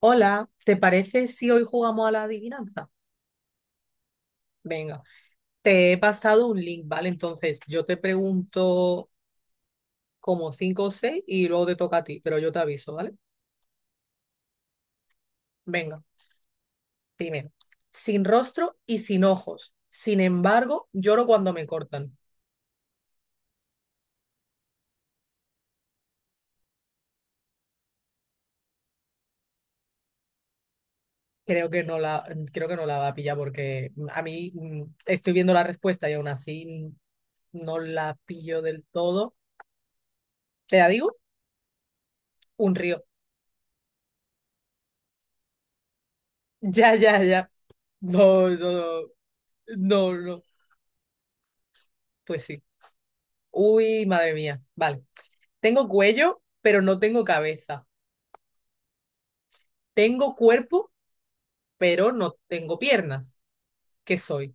Hola, ¿te parece si hoy jugamos a la adivinanza? Venga, te he pasado un link, ¿vale? Entonces yo te pregunto como cinco o seis y luego te toca a ti, pero yo te aviso, ¿vale? Venga, primero. Sin rostro y sin ojos. Sin embargo, lloro cuando me cortan. Creo que no la, creo que no la va a pillar porque a mí estoy viendo la respuesta y aún así no la pillo del todo. ¿Te la digo? Un río. Ya, ya, ya. No, no, no, no, no. Pues sí. Uy, madre mía. Vale. Tengo cuello, pero no tengo cabeza. Tengo cuerpo, pero no tengo piernas. ¿Qué soy?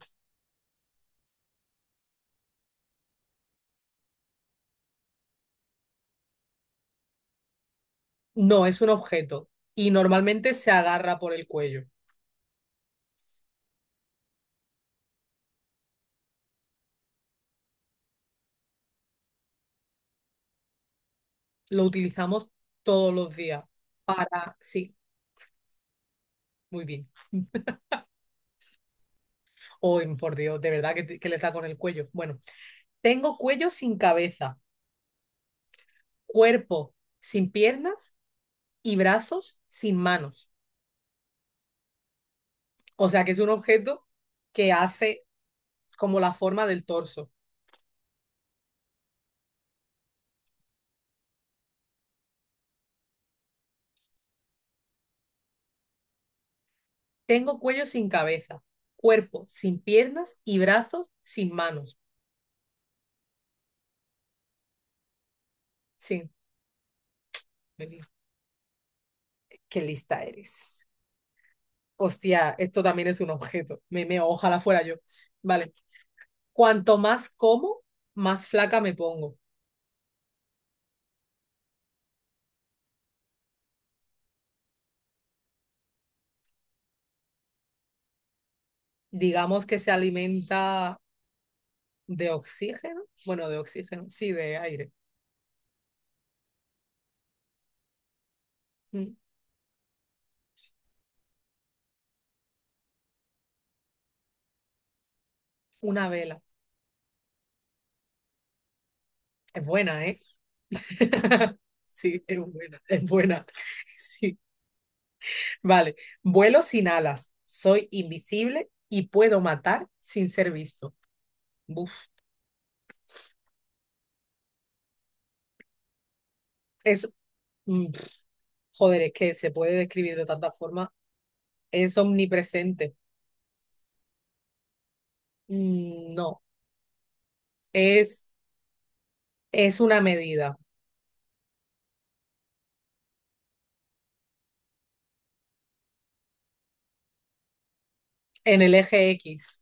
No, es un objeto y normalmente se agarra por el cuello. Lo utilizamos todos los días para... Sí, muy bien. Uy, por Dios, de verdad que, que le está con el cuello. Bueno, tengo cuello sin cabeza, cuerpo sin piernas y brazos sin manos. O sea que es un objeto que hace como la forma del torso. Tengo cuello sin cabeza, cuerpo sin piernas y brazos sin manos. Sí, qué lista eres. Hostia, esto también es un objeto. Me meo, ojalá fuera yo. Vale. Cuanto más como, más flaca me pongo. Digamos que se alimenta de oxígeno. Bueno, de oxígeno, sí, de aire. Mm, Una vela. Es buena, ¿eh? Sí, es buena, es buena. Sí. Vale, vuelo sin alas, soy invisible y puedo matar sin ser visto. Buf, es, mm, pf, joder, es que se puede describir de tanta forma. Es omnipresente. No, es, es una medida en el eje X.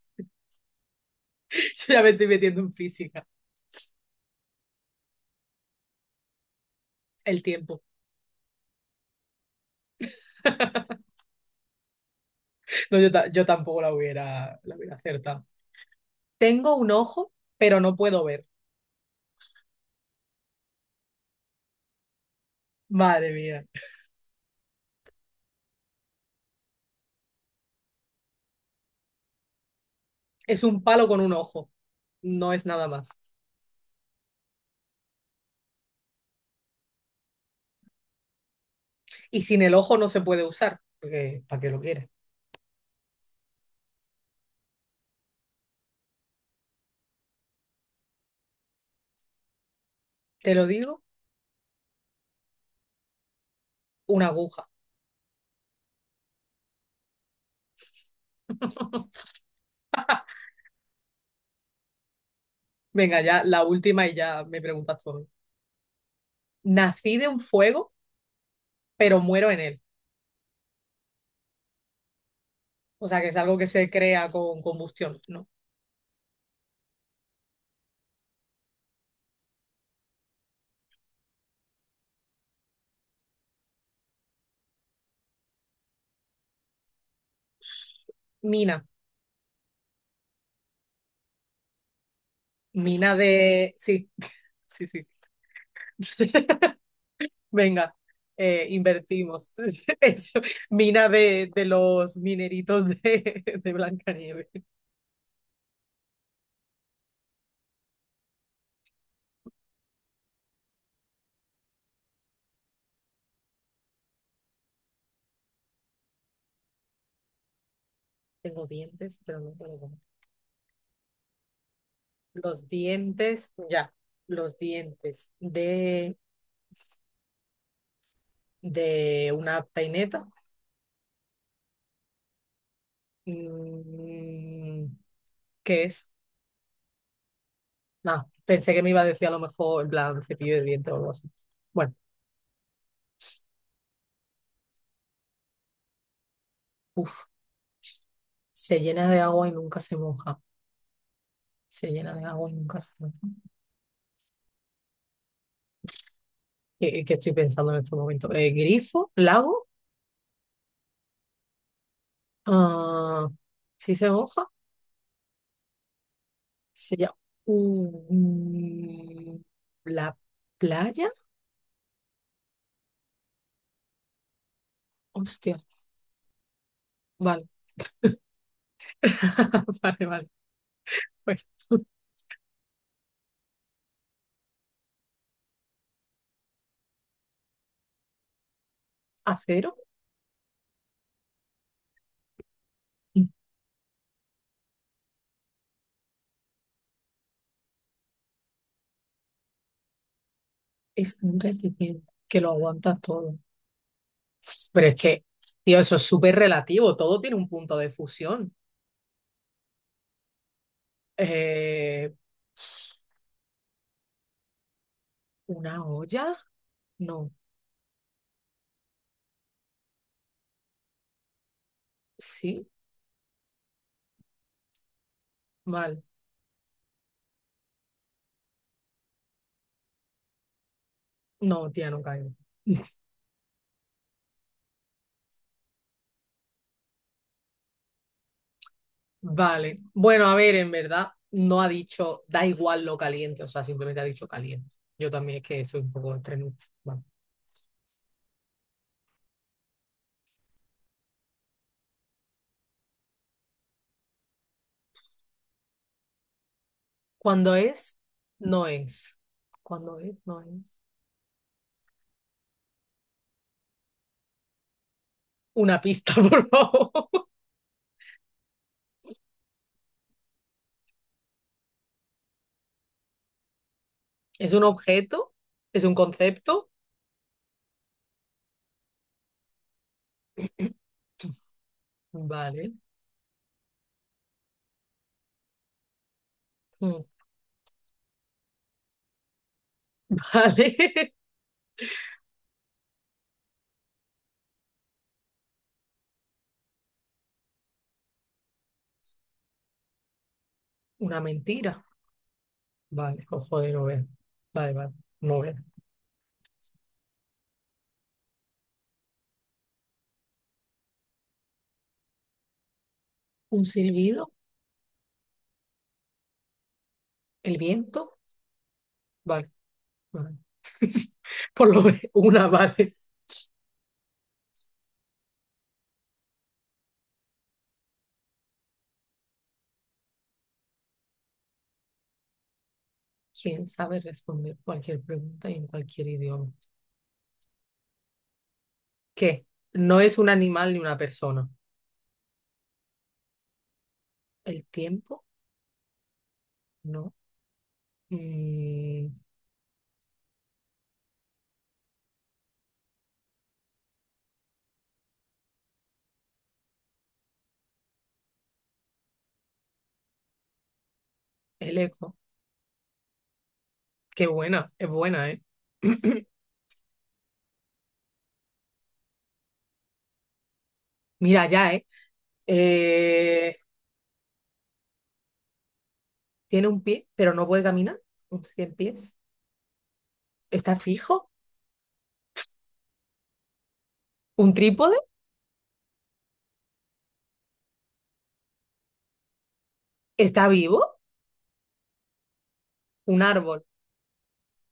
Yo ya me estoy metiendo en física. El tiempo. No, yo tampoco la hubiera acertado. Tengo un ojo, pero no puedo ver. Madre mía. Es un palo con un ojo. No es nada más. Y sin el ojo no se puede usar, porque ¿para qué lo quieres? Te lo digo, una aguja. Venga, ya la última y ya me preguntas tú. Nací de un fuego, pero muero en él. O sea, que es algo que se crea con combustión, ¿no? Mina, mina de... Sí, sí, sí. Venga, invertimos. Eso, Mina de los mineritos de Blancanieves. Tengo dientes, pero no puedo comer. Los dientes, ya, los dientes de una peineta. Mm, ¿Qué es? No, pensé que me iba a decir a lo mejor en plan cepillo de dientes o algo así. Bueno, uff, se llena de agua y nunca se moja. Se llena de agua y nunca se moja. ¿Qué estoy pensando en este momento? ¿Grifo? ¿Lago? Ah, ¿sí se moja? Se llama... Mm, ¿la playa? Hostia, vale. Vale, vale. Pues acero es un recipiente que lo aguanta todo. Pero es que, tío, eso es súper relativo. Todo tiene un punto de fusión. Eh, ¿Una olla? No. ¿Sí? Vale. No, tía, no caigo. Vale. Bueno, a ver, en verdad, no ha dicho da igual lo caliente. O sea, simplemente ha dicho caliente. Yo también es que soy un poco extremista. Vale. Cuando es, no es. Cuando es, no es. Una pista, por favor. ¿Es un objeto? ¿Es un concepto? Vale. Mm, Vale. Una mentira. Vale. Oh, joder, no veo. Vale, vale. No veo. ¿Un silbido? ¿El viento? Vale, vale. Por lo menos una, vale. ¿Quién sabe responder cualquier pregunta y en cualquier idioma? ¿Qué? No es un animal ni una persona. ¿El tiempo? No. Mm, el eco. Qué buena. Es buena, ¿eh? Mira, ya, ¿eh? Eh, tiene un pie, pero no puede caminar, un cien pies. ¿Está fijo? ¿Un trípode? ¿Está vivo? ¿Un árbol?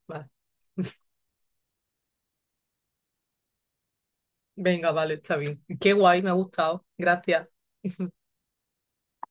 Vale. Venga, vale, está bien. Qué guay, me ha gustado. Gracias.